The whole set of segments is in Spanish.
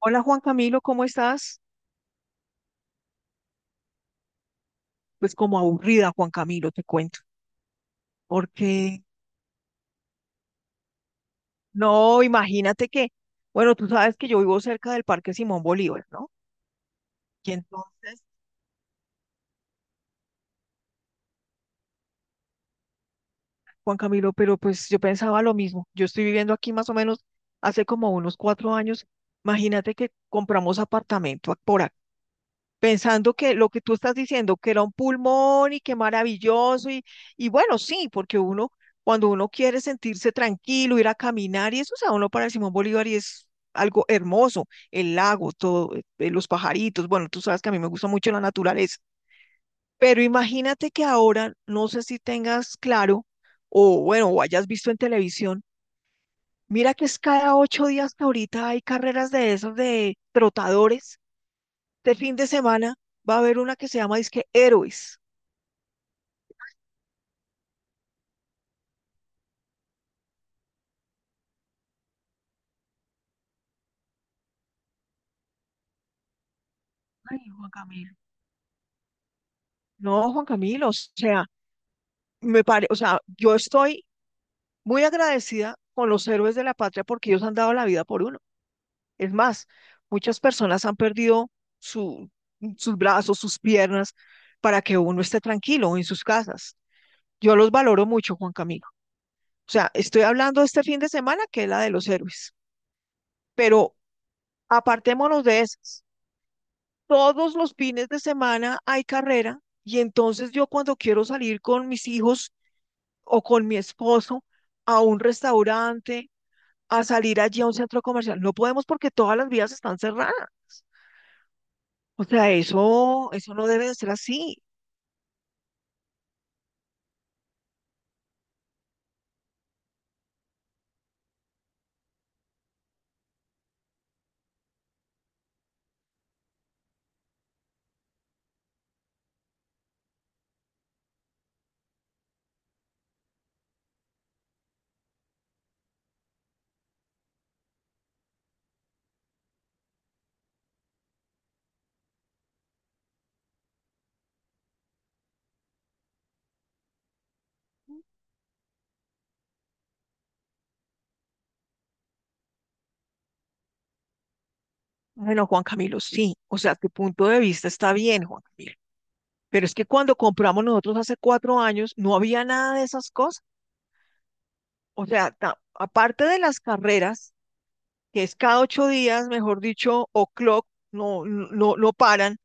Hola Juan Camilo, ¿cómo estás? Pues como aburrida, Juan Camilo, te cuento, porque no, imagínate que, bueno, tú sabes que yo vivo cerca del Parque Simón Bolívar, ¿no? Y entonces, Juan Camilo, pero pues yo pensaba lo mismo, yo estoy viviendo aquí más o menos hace como unos cuatro años, imagínate que compramos apartamento por pensando que lo que tú estás diciendo, que era un pulmón y que maravilloso, y bueno, sí, porque uno, cuando uno quiere sentirse tranquilo, ir a caminar, y eso, o sea, uno para Simón Bolívar y es algo hermoso, el lago, todo, los pajaritos, bueno, tú sabes que a mí me gusta mucho la naturaleza, pero imagínate que ahora, no sé si tengas claro, o bueno, o hayas visto en televisión, mira que es cada ocho días que ahorita hay carreras de esos de trotadores este fin de semana va a haber una que se llama Disque Héroes. Ay, Juan Camilo. No, Juan Camilo, o sea, me pare, o sea, yo estoy muy agradecida con los héroes de la patria porque ellos han dado la vida por uno. Es más, muchas personas han perdido su, sus brazos, sus piernas, para que uno esté tranquilo en sus casas. Yo los valoro mucho, Juan Camilo. O sea, estoy hablando este fin de semana que es la de los héroes, pero apartémonos de esas. Todos los fines de semana hay carrera y entonces yo cuando quiero salir con mis hijos o con mi esposo a un restaurante, a salir allí a un centro comercial, no podemos porque todas las vías están cerradas. O sea, eso no debe de ser así. Bueno, Juan Camilo, sí, o sea, tu punto de vista está bien, Juan Camilo, pero es que cuando compramos nosotros hace cuatro años no había nada de esas cosas. O sea, aparte de las carreras, que es cada ocho días, mejor dicho, o clock, no, no, no paran.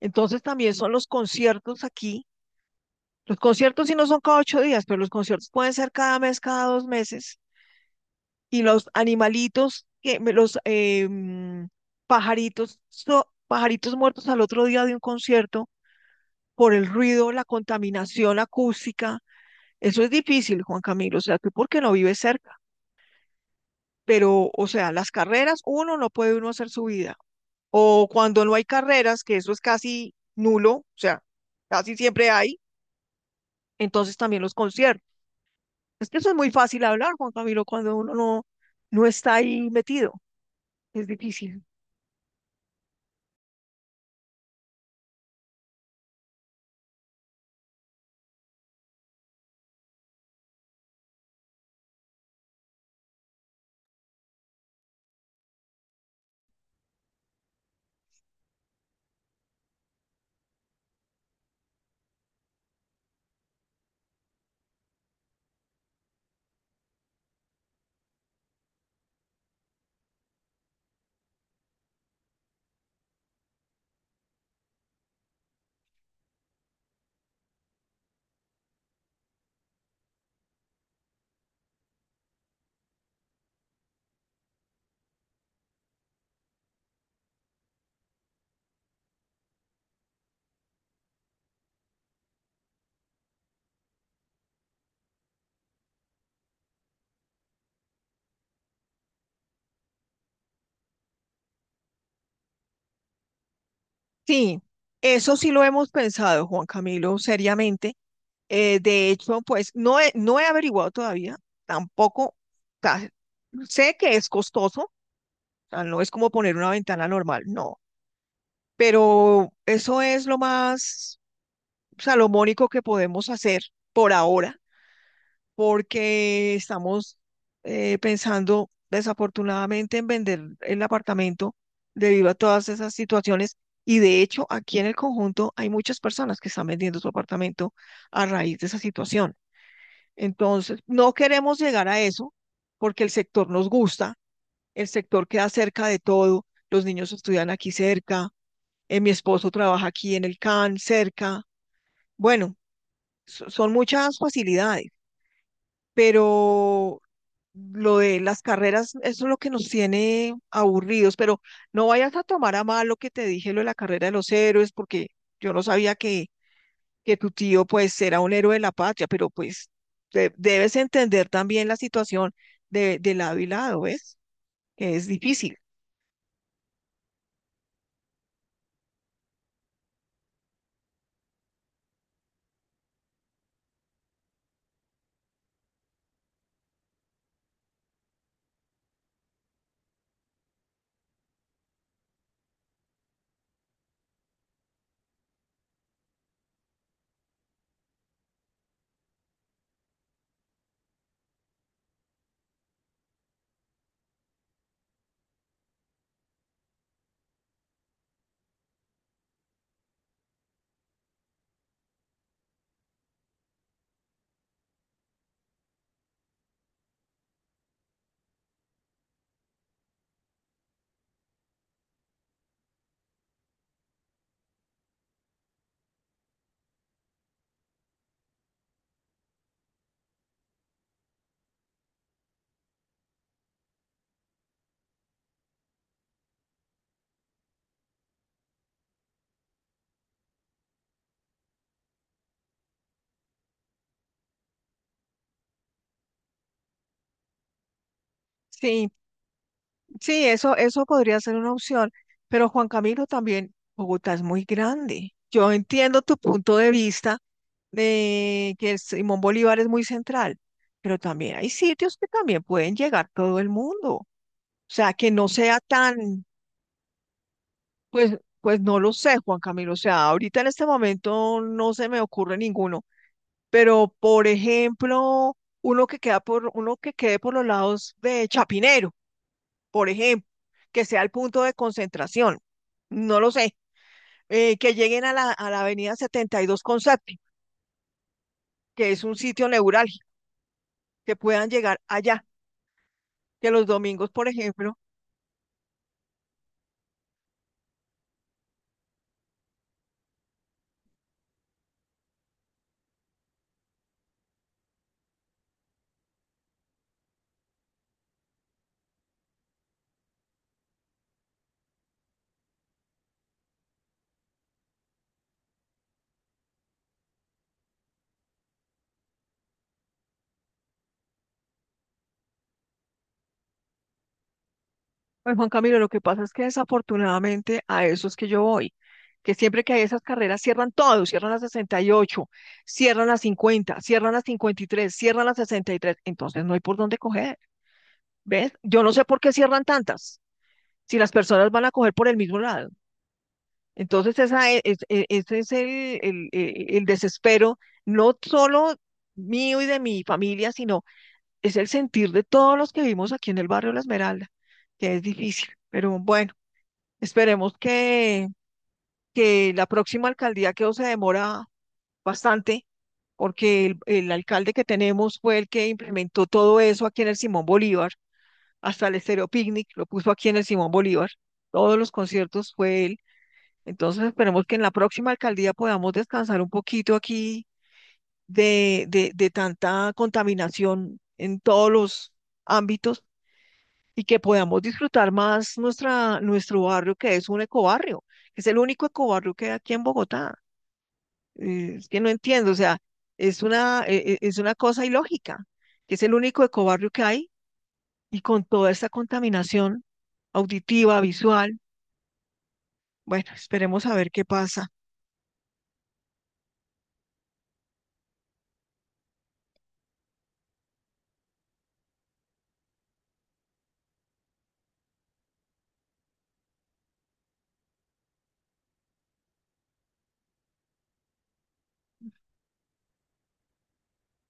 Entonces también son los conciertos aquí. Los conciertos sí no son cada ocho días, pero los conciertos pueden ser cada mes, cada dos meses. Y los animalitos, que, los pajaritos, pajaritos muertos al otro día de un concierto por el ruido, la contaminación acústica. Eso es difícil, Juan Camilo. O sea, tú por qué no vives cerca. Pero, o sea, las carreras, uno no puede uno hacer su vida. O cuando no hay carreras, que eso es casi nulo, o sea, casi siempre hay, entonces también los conciertos. Es que eso es muy fácil hablar, Juan Camilo, cuando uno no, no está ahí metido, es difícil. Sí, eso sí lo hemos pensado, Juan Camilo, seriamente. De hecho, pues no he averiguado todavía, tampoco, o sea, sé que es costoso, o sea, no es como poner una ventana normal, no, pero eso es lo más salomónico que podemos hacer por ahora, porque estamos pensando desafortunadamente en vender el apartamento debido a todas esas situaciones. Y de hecho, aquí en el conjunto hay muchas personas que están vendiendo su apartamento a raíz de esa situación. Entonces, no queremos llegar a eso porque el sector nos gusta, el sector queda cerca de todo, los niños estudian aquí cerca, mi esposo trabaja aquí en el CAN, cerca. Bueno, son muchas facilidades, pero lo de las carreras, eso es lo que nos tiene aburridos, pero no vayas a tomar a mal lo que te dije, lo de la carrera de los héroes, porque yo no sabía que tu tío pues era un héroe de la patria, pero pues debes entender también la situación de lado y lado, ¿ves? Que es difícil. Sí, sí, eso podría ser una opción, pero Juan Camilo también, Bogotá es muy grande. Yo entiendo tu punto de vista de que el Simón Bolívar es muy central, pero también hay sitios que también pueden llegar todo el mundo. O sea, que no sea tan, pues, pues no lo sé, Juan Camilo. O sea, ahorita en este momento no se me ocurre ninguno, pero por ejemplo, uno que queda por, uno que quede por los lados de Chapinero. Por ejemplo, que sea el punto de concentración, no lo sé, que lleguen a la avenida 72 con Sati, que es un sitio neurálgico, que puedan llegar allá, que los domingos, por ejemplo, pues Juan Camilo, lo que pasa es que desafortunadamente a esos que yo voy, que siempre que hay esas carreras cierran todo, cierran las 68, cierran las 50, cierran las 53, cierran las 63. Entonces no hay por dónde coger, ¿ves? Yo no sé por qué cierran tantas, si las personas van a coger por el mismo lado. Entonces, esa ese es el, el desespero, no solo mío y de mi familia, sino es el sentir de todos los que vivimos aquí en el barrio La Esmeralda, que es difícil. Pero bueno, esperemos que la próxima alcaldía, que se demora bastante, porque el alcalde que tenemos fue el que implementó todo eso aquí en el Simón Bolívar, hasta el Estéreo Picnic lo puso aquí en el Simón Bolívar, todos los conciertos fue él. Entonces esperemos que en la próxima alcaldía podamos descansar un poquito aquí de tanta contaminación en todos los ámbitos y que podamos disfrutar más nuestra, nuestro barrio, que es un ecobarrio, que es el único ecobarrio que hay aquí en Bogotá. Es que no entiendo, o sea, es una cosa ilógica, que es el único ecobarrio que hay y con toda esta contaminación auditiva, visual, bueno, esperemos a ver qué pasa.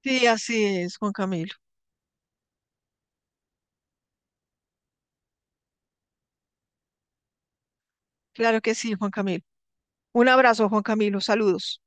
Sí, así es, Juan Camilo. Claro que sí, Juan Camilo. Un abrazo, Juan Camilo. Saludos.